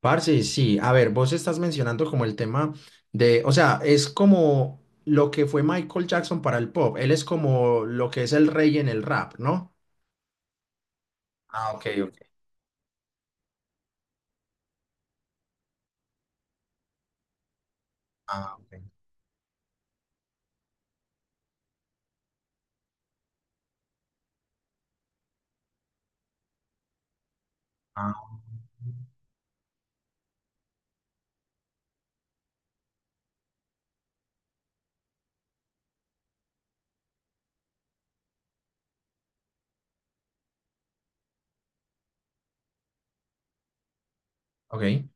Parce, sí, a ver, vos estás mencionando como el tema de, o sea, es como lo que fue Michael Jackson para el pop, él es como lo que es el rey en el rap, ¿no? Ah, ok, ok. Ah, ok. Ah, ok.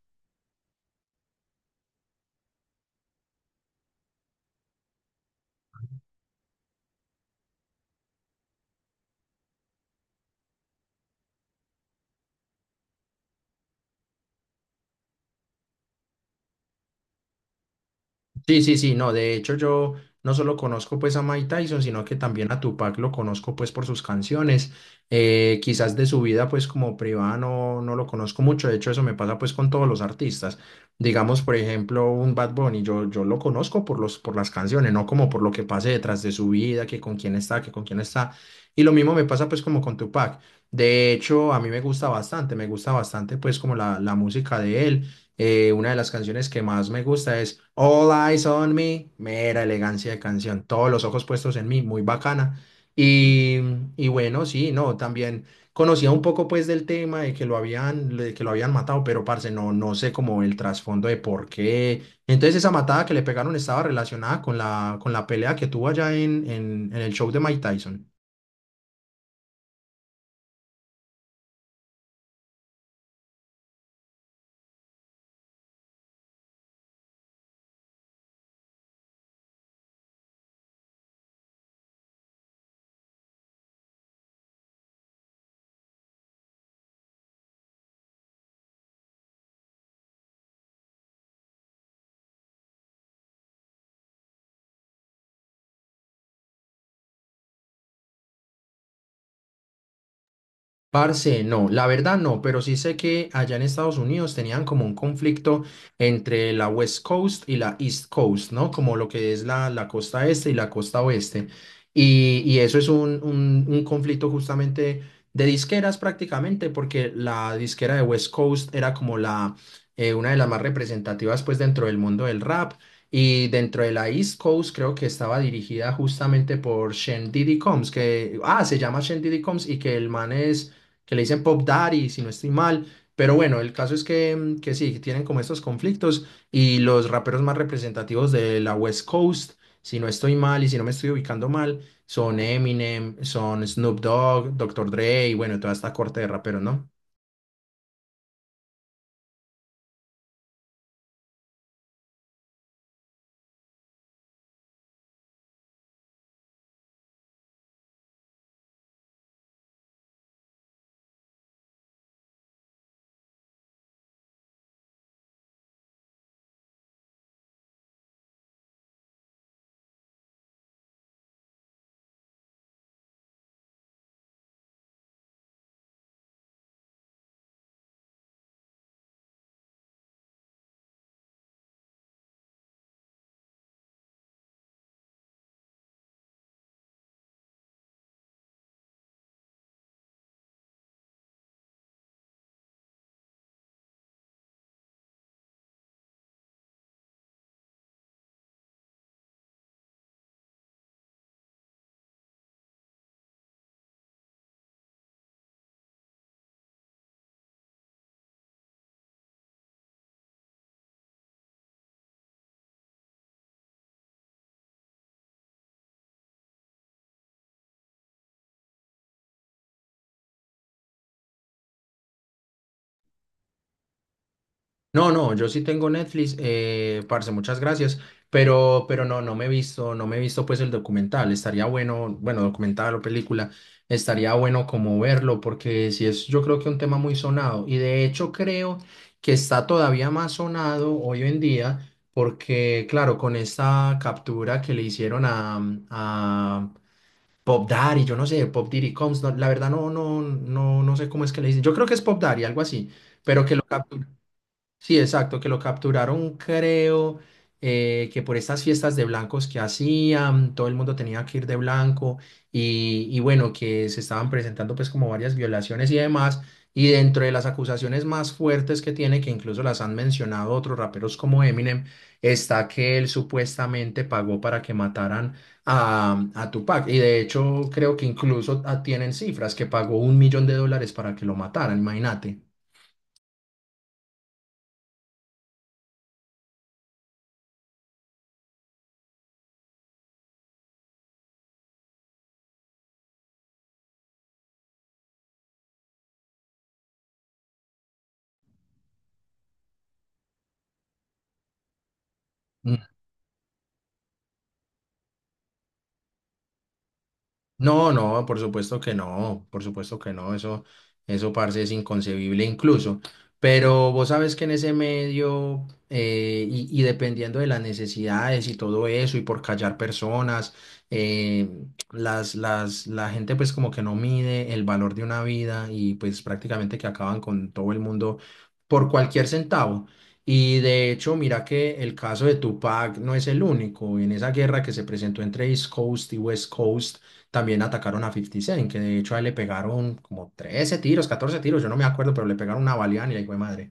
Sí, sí, sí, no, de hecho yo no solo conozco pues a Mike Tyson, sino que también a Tupac lo conozco pues por sus canciones, quizás de su vida pues como privada no lo conozco mucho. De hecho eso me pasa pues con todos los artistas, digamos por ejemplo un Bad Bunny, yo lo conozco por por las canciones, no como por lo que pase detrás de su vida, que con quién está, que con quién está, y lo mismo me pasa pues como con Tupac. De hecho a mí me gusta bastante pues como la música de él. Una de las canciones que más me gusta es All Eyes on Me, mera elegancia de canción, todos los ojos puestos en mí, muy bacana. Y, y bueno, sí, no, también conocía un poco pues del tema de que lo habían, de que lo habían matado, pero parce, no sé como el trasfondo de por qué. Entonces esa matada que le pegaron estaba relacionada con con la pelea que tuvo allá en el show de Mike Tyson. Parce, no, la verdad no, pero sí sé que allá en Estados Unidos tenían como un conflicto entre la West Coast y la East Coast, ¿no? Como lo que es la costa este y la costa oeste. Y eso es un conflicto justamente de disqueras prácticamente, porque la disquera de West Coast era como una de las más representativas pues dentro del mundo del rap. Y dentro de la East Coast creo que estaba dirigida justamente por Shen Diddy Combs, que, ah, se llama Shen Diddy Combs y que el man es que le dicen Pop Daddy, si no estoy mal. Pero bueno, el caso es que, que sí, que tienen como estos conflictos y los raperos más representativos de la West Coast, si no estoy mal y si no me estoy ubicando mal, son Eminem, son Snoop Dogg, doctor Dre y bueno, toda esta corte de raperos, ¿no? No, no, yo sí tengo Netflix, parce, muchas gracias, pero no, no me he visto, no me he visto pues el documental. Estaría bueno, bueno, documental o película, estaría bueno como verlo, porque sí es, yo creo que un tema muy sonado. Y de hecho creo que está todavía más sonado hoy en día, porque claro, con esta captura que le hicieron a, a Pop Daddy, yo no sé, Pop Diddy Combs, no, la verdad no, no sé cómo es que le dicen, yo creo que es Pop Daddy, algo así, pero que lo capturaron. Sí, exacto, que lo capturaron, creo, que por estas fiestas de blancos que hacían, todo el mundo tenía que ir de blanco y bueno, que se estaban presentando pues como varias violaciones y demás. Y dentro de las acusaciones más fuertes que tiene, que incluso las han mencionado otros raperos como Eminem, está que él supuestamente pagó para que mataran a Tupac. Y de hecho creo que incluso ah, tienen cifras que pagó $1 millón para que lo mataran, imagínate. No, no, por supuesto que no, por supuesto que no, eso, parce, es inconcebible incluso. Pero vos sabes que en ese medio, y dependiendo de las necesidades y todo eso, y por callar personas, eh, la gente pues como que no mide el valor de una vida y pues prácticamente que acaban con todo el mundo por cualquier centavo. Y de hecho, mira que el caso de Tupac no es el único. En esa guerra que se presentó entre East Coast y West Coast, también atacaron a 50 Cent, que de hecho a él le pegaron como 13 tiros, 14 tiros, yo no me acuerdo, pero le pegaron una baleada y la hijo de madre.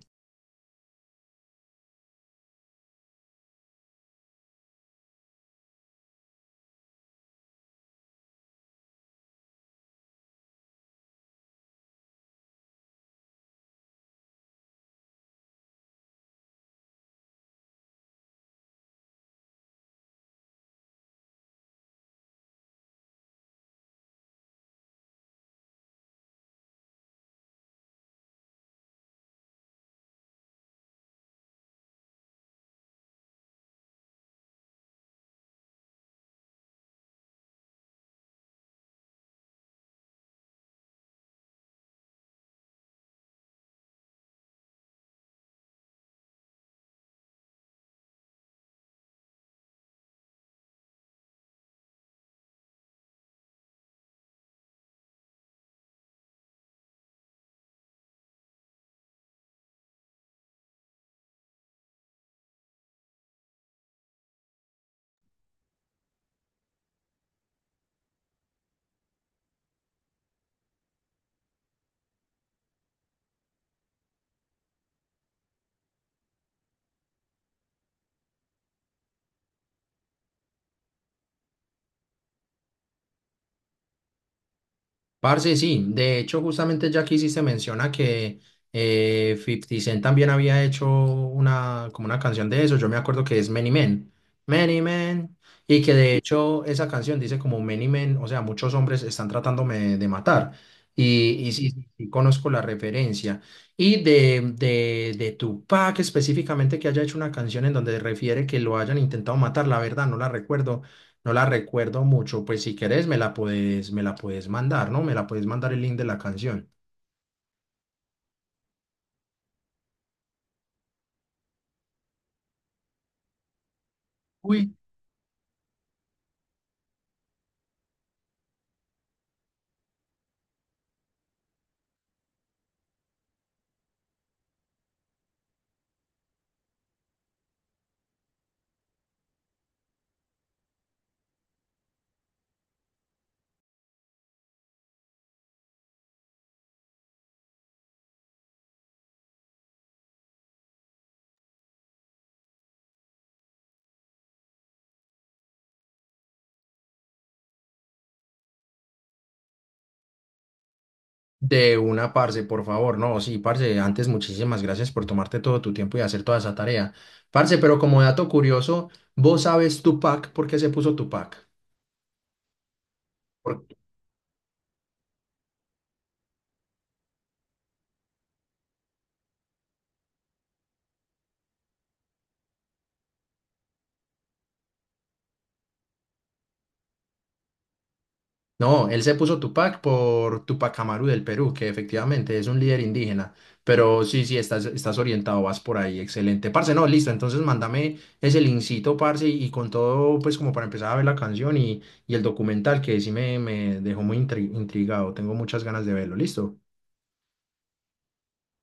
Parce, sí, de hecho justamente ya que hiciste menciona que 50 Cent también había hecho una, como una canción de eso, yo me acuerdo que es Many Men, Many Men, y que de hecho esa canción dice como Many Men, o sea, muchos hombres están tratándome de matar, y sí, sí, sí conozco la referencia, y de Tupac específicamente que haya hecho una canción en donde refiere que lo hayan intentado matar, la verdad no la recuerdo, no la recuerdo mucho. Pues si querés me la puedes mandar, ¿no? Me la puedes mandar el link de la canción. Uy, de una, parce, por favor. No, sí, parce, antes muchísimas gracias por tomarte todo tu tiempo y hacer toda esa tarea. Parce, pero como dato curioso, ¿vos sabes Tupac por qué se puso Tupac? No, él se puso Tupac por Tupac Amaru del Perú, que efectivamente es un líder indígena. Pero sí, sí, estás, estás orientado, vas por ahí, excelente. Parce, no, listo, entonces mándame ese linkcito, parce, y con todo, pues como para empezar a ver la canción y el documental, que sí me dejó muy intrigado, tengo muchas ganas de verlo, listo.